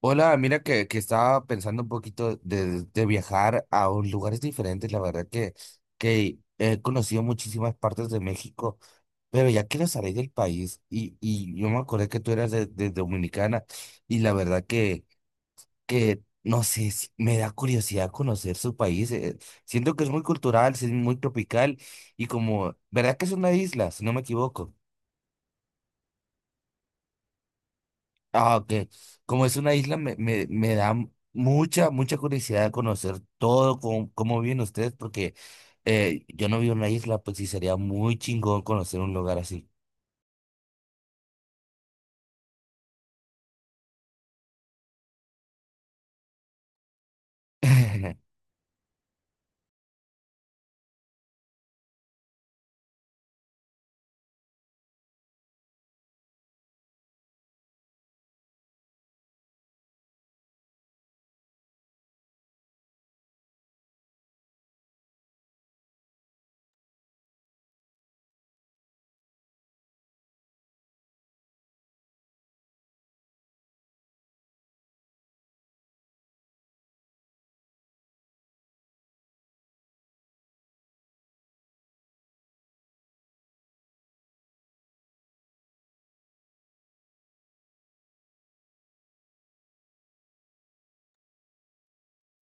Hola, mira que estaba pensando un poquito de viajar a lugares diferentes. La verdad que he conocido muchísimas partes de México, pero ya quiero salir del país. Y yo me acordé que tú eras de Dominicana y la verdad que no sé, me da curiosidad conocer su país. Siento que es muy cultural, es muy tropical y como, ¿verdad que es una isla, si no me equivoco? Ah, ok. Como es una isla, me da mucha curiosidad conocer todo, cómo, cómo viven ustedes, porque yo no vivo en una isla, pues sí sería muy chingón conocer un lugar así.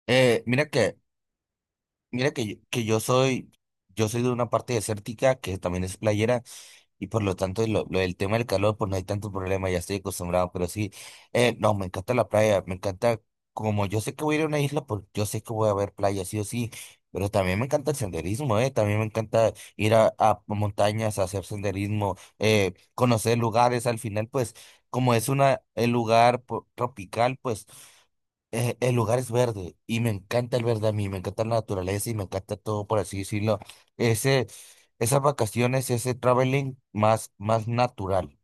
Eh, mira que, mira que, que yo soy de una parte desértica que también es playera. Y por lo tanto, lo del tema del calor, pues no hay tanto problema, ya estoy acostumbrado, pero sí, no, me encanta la playa, me encanta, como yo sé que voy a ir a una isla, pues yo sé que voy a ver playa, sí o sí, pero también me encanta el senderismo, también me encanta ir a montañas, a hacer senderismo, conocer lugares, al final, pues, como es una, el lugar tropical, pues, el lugar es verde y me encanta el verde a mí, me encanta la naturaleza y me encanta todo, por así decirlo. Esas vacaciones, ese traveling más, más natural.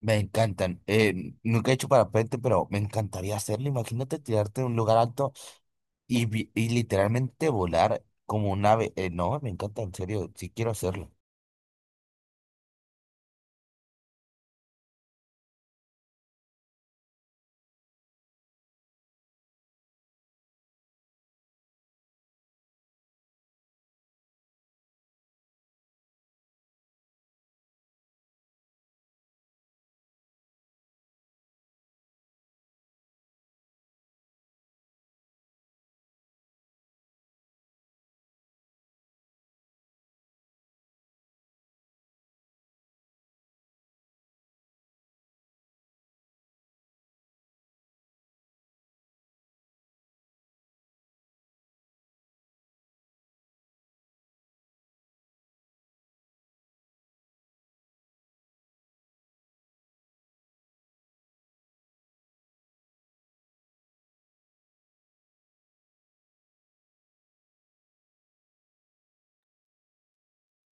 Me encantan. Nunca he hecho parapente, pero me encantaría hacerlo. Imagínate tirarte de un lugar alto y, y literalmente volar como un ave. No, me encanta, en serio, sí quiero hacerlo.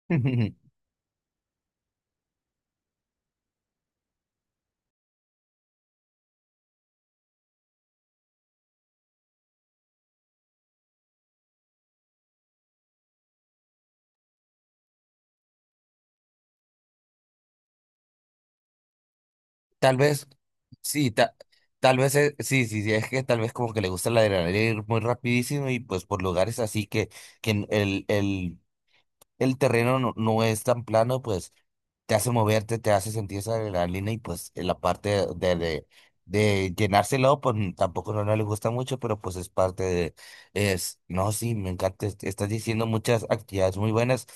Tal vez, sí, tal vez, sí, sí, sí, es que tal vez como que le gusta la adrenalina ir muy rapidísimo y pues por lugares así que el terreno no, no es tan plano, pues te hace moverte, te hace sentir esa adrenalina y pues en la parte de llenárselo, pues tampoco no, no le gusta mucho, pero pues es parte de, es, no, sí, me encanta, estás diciendo muchas actividades muy buenas,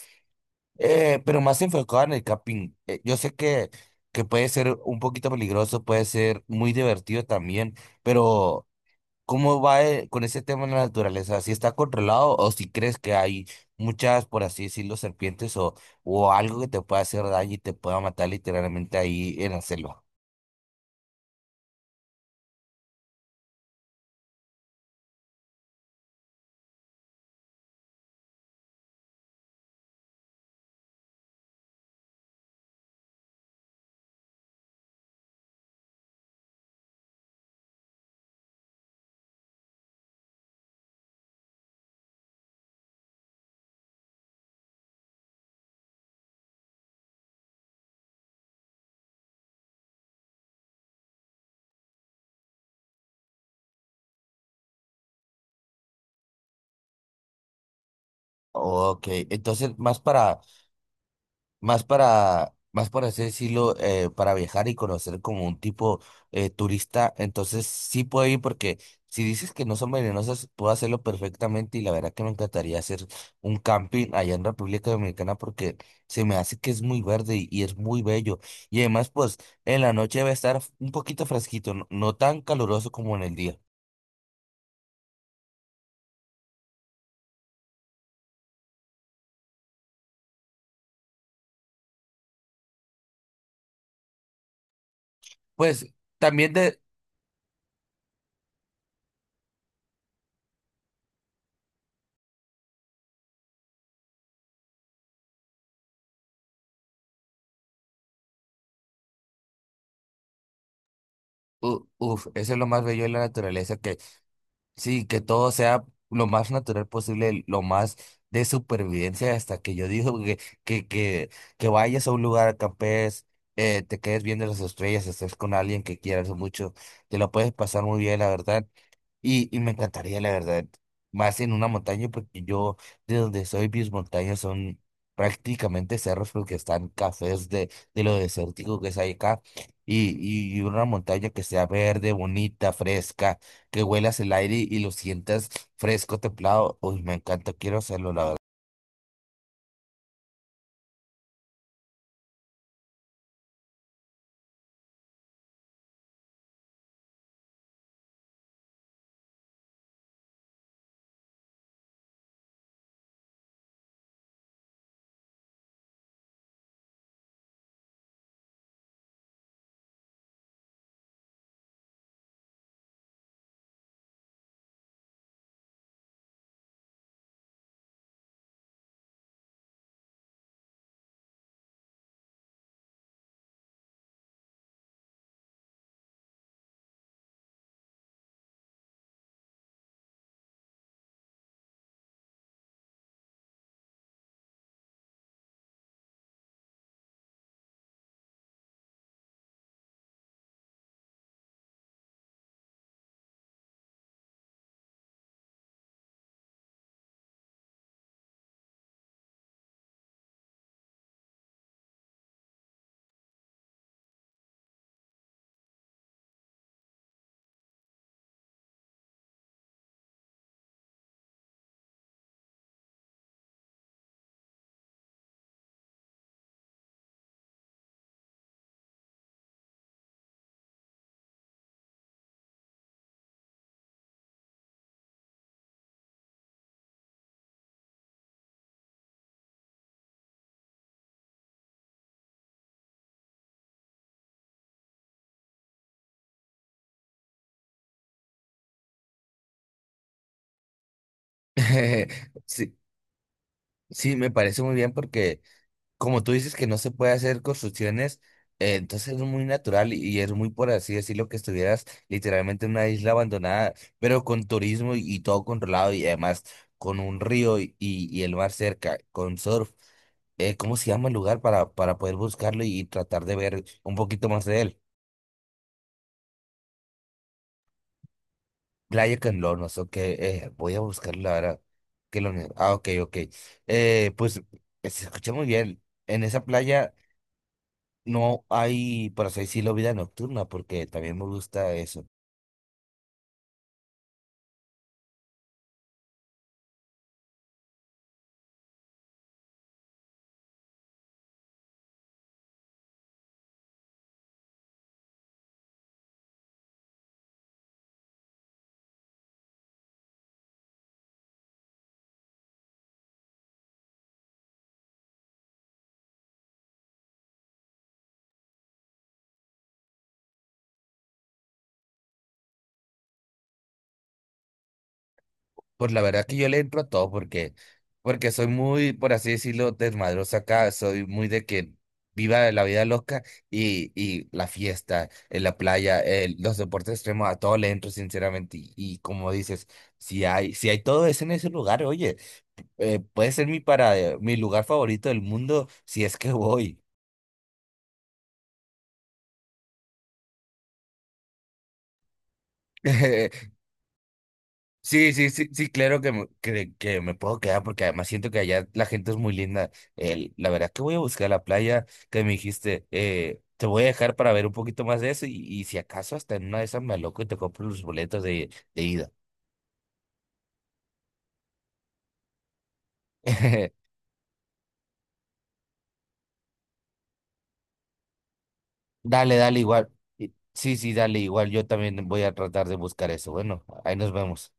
pero más enfocado en el camping. Yo sé que puede ser un poquito peligroso, puede ser muy divertido también, pero... ¿Cómo va con ese tema de la naturaleza? ¿Si está controlado o si crees que hay muchas, por así decirlo, serpientes o algo que te pueda hacer daño y te pueda matar literalmente ahí en la selva? Ok, entonces más para. Más para, más para así decirlo, para viajar y conocer como un tipo turista, entonces sí puedo ir porque si dices que no son venenosas, puedo hacerlo perfectamente y la verdad que me encantaría hacer un camping allá en República Dominicana porque se me hace que es muy verde y es muy bello. Y además, pues en la noche va a estar un poquito fresquito, no, no tan caluroso como en el día. Pues también de, u- uf, eso es lo más bello de la naturaleza que. Sí, que todo sea lo más natural posible, lo más de supervivencia, hasta que yo digo que vayas a un lugar, acampes, te quedes viendo las estrellas, estés con alguien que quieras mucho, te lo puedes pasar muy bien, la verdad. Y me encantaría, la verdad, más en una montaña, porque yo de donde soy, mis montañas son prácticamente cerros, porque están cafés de lo desértico que es ahí acá. Y una montaña que sea verde, bonita, fresca, que huelas el aire y lo sientas fresco, templado. Uy, me encanta, quiero hacerlo, la verdad. Sí, sí, me parece muy bien porque como tú dices que no se puede hacer construcciones, entonces es muy natural y es muy, por así decirlo, que estuvieras literalmente en una isla abandonada, pero con turismo y todo controlado y además con un río y, y el mar cerca, con surf. ¿Cómo se llama el lugar para poder buscarlo y tratar de ver un poquito más de él? Playa Canlonos, ok, voy a buscarlo ahora. Que lo, ah, ok, ok. Pues se escucha muy bien. En esa playa. No hay, por así decirlo, vida nocturna, porque también me gusta eso. Pues la verdad que yo le entro a todo porque, porque soy muy, por así decirlo, desmadroso acá, soy muy de que viva la vida loca y la fiesta, en la playa, los deportes extremos, a todo le entro sinceramente. Y como dices, si hay, si hay todo eso en ese lugar, oye, puede ser mi para, mi lugar favorito del mundo si es que voy. Sí, sí, sí, sí, claro que me puedo quedar porque además siento que allá la gente es muy linda. La verdad que voy a buscar la playa que me dijiste, te voy a dejar para ver un poquito más de eso y si acaso hasta en una de esas me loco y te compro los boletos de ida. Dale, dale, igual. Sí, sí, dale, igual. Yo también voy a tratar de buscar eso. Bueno, ahí nos vemos.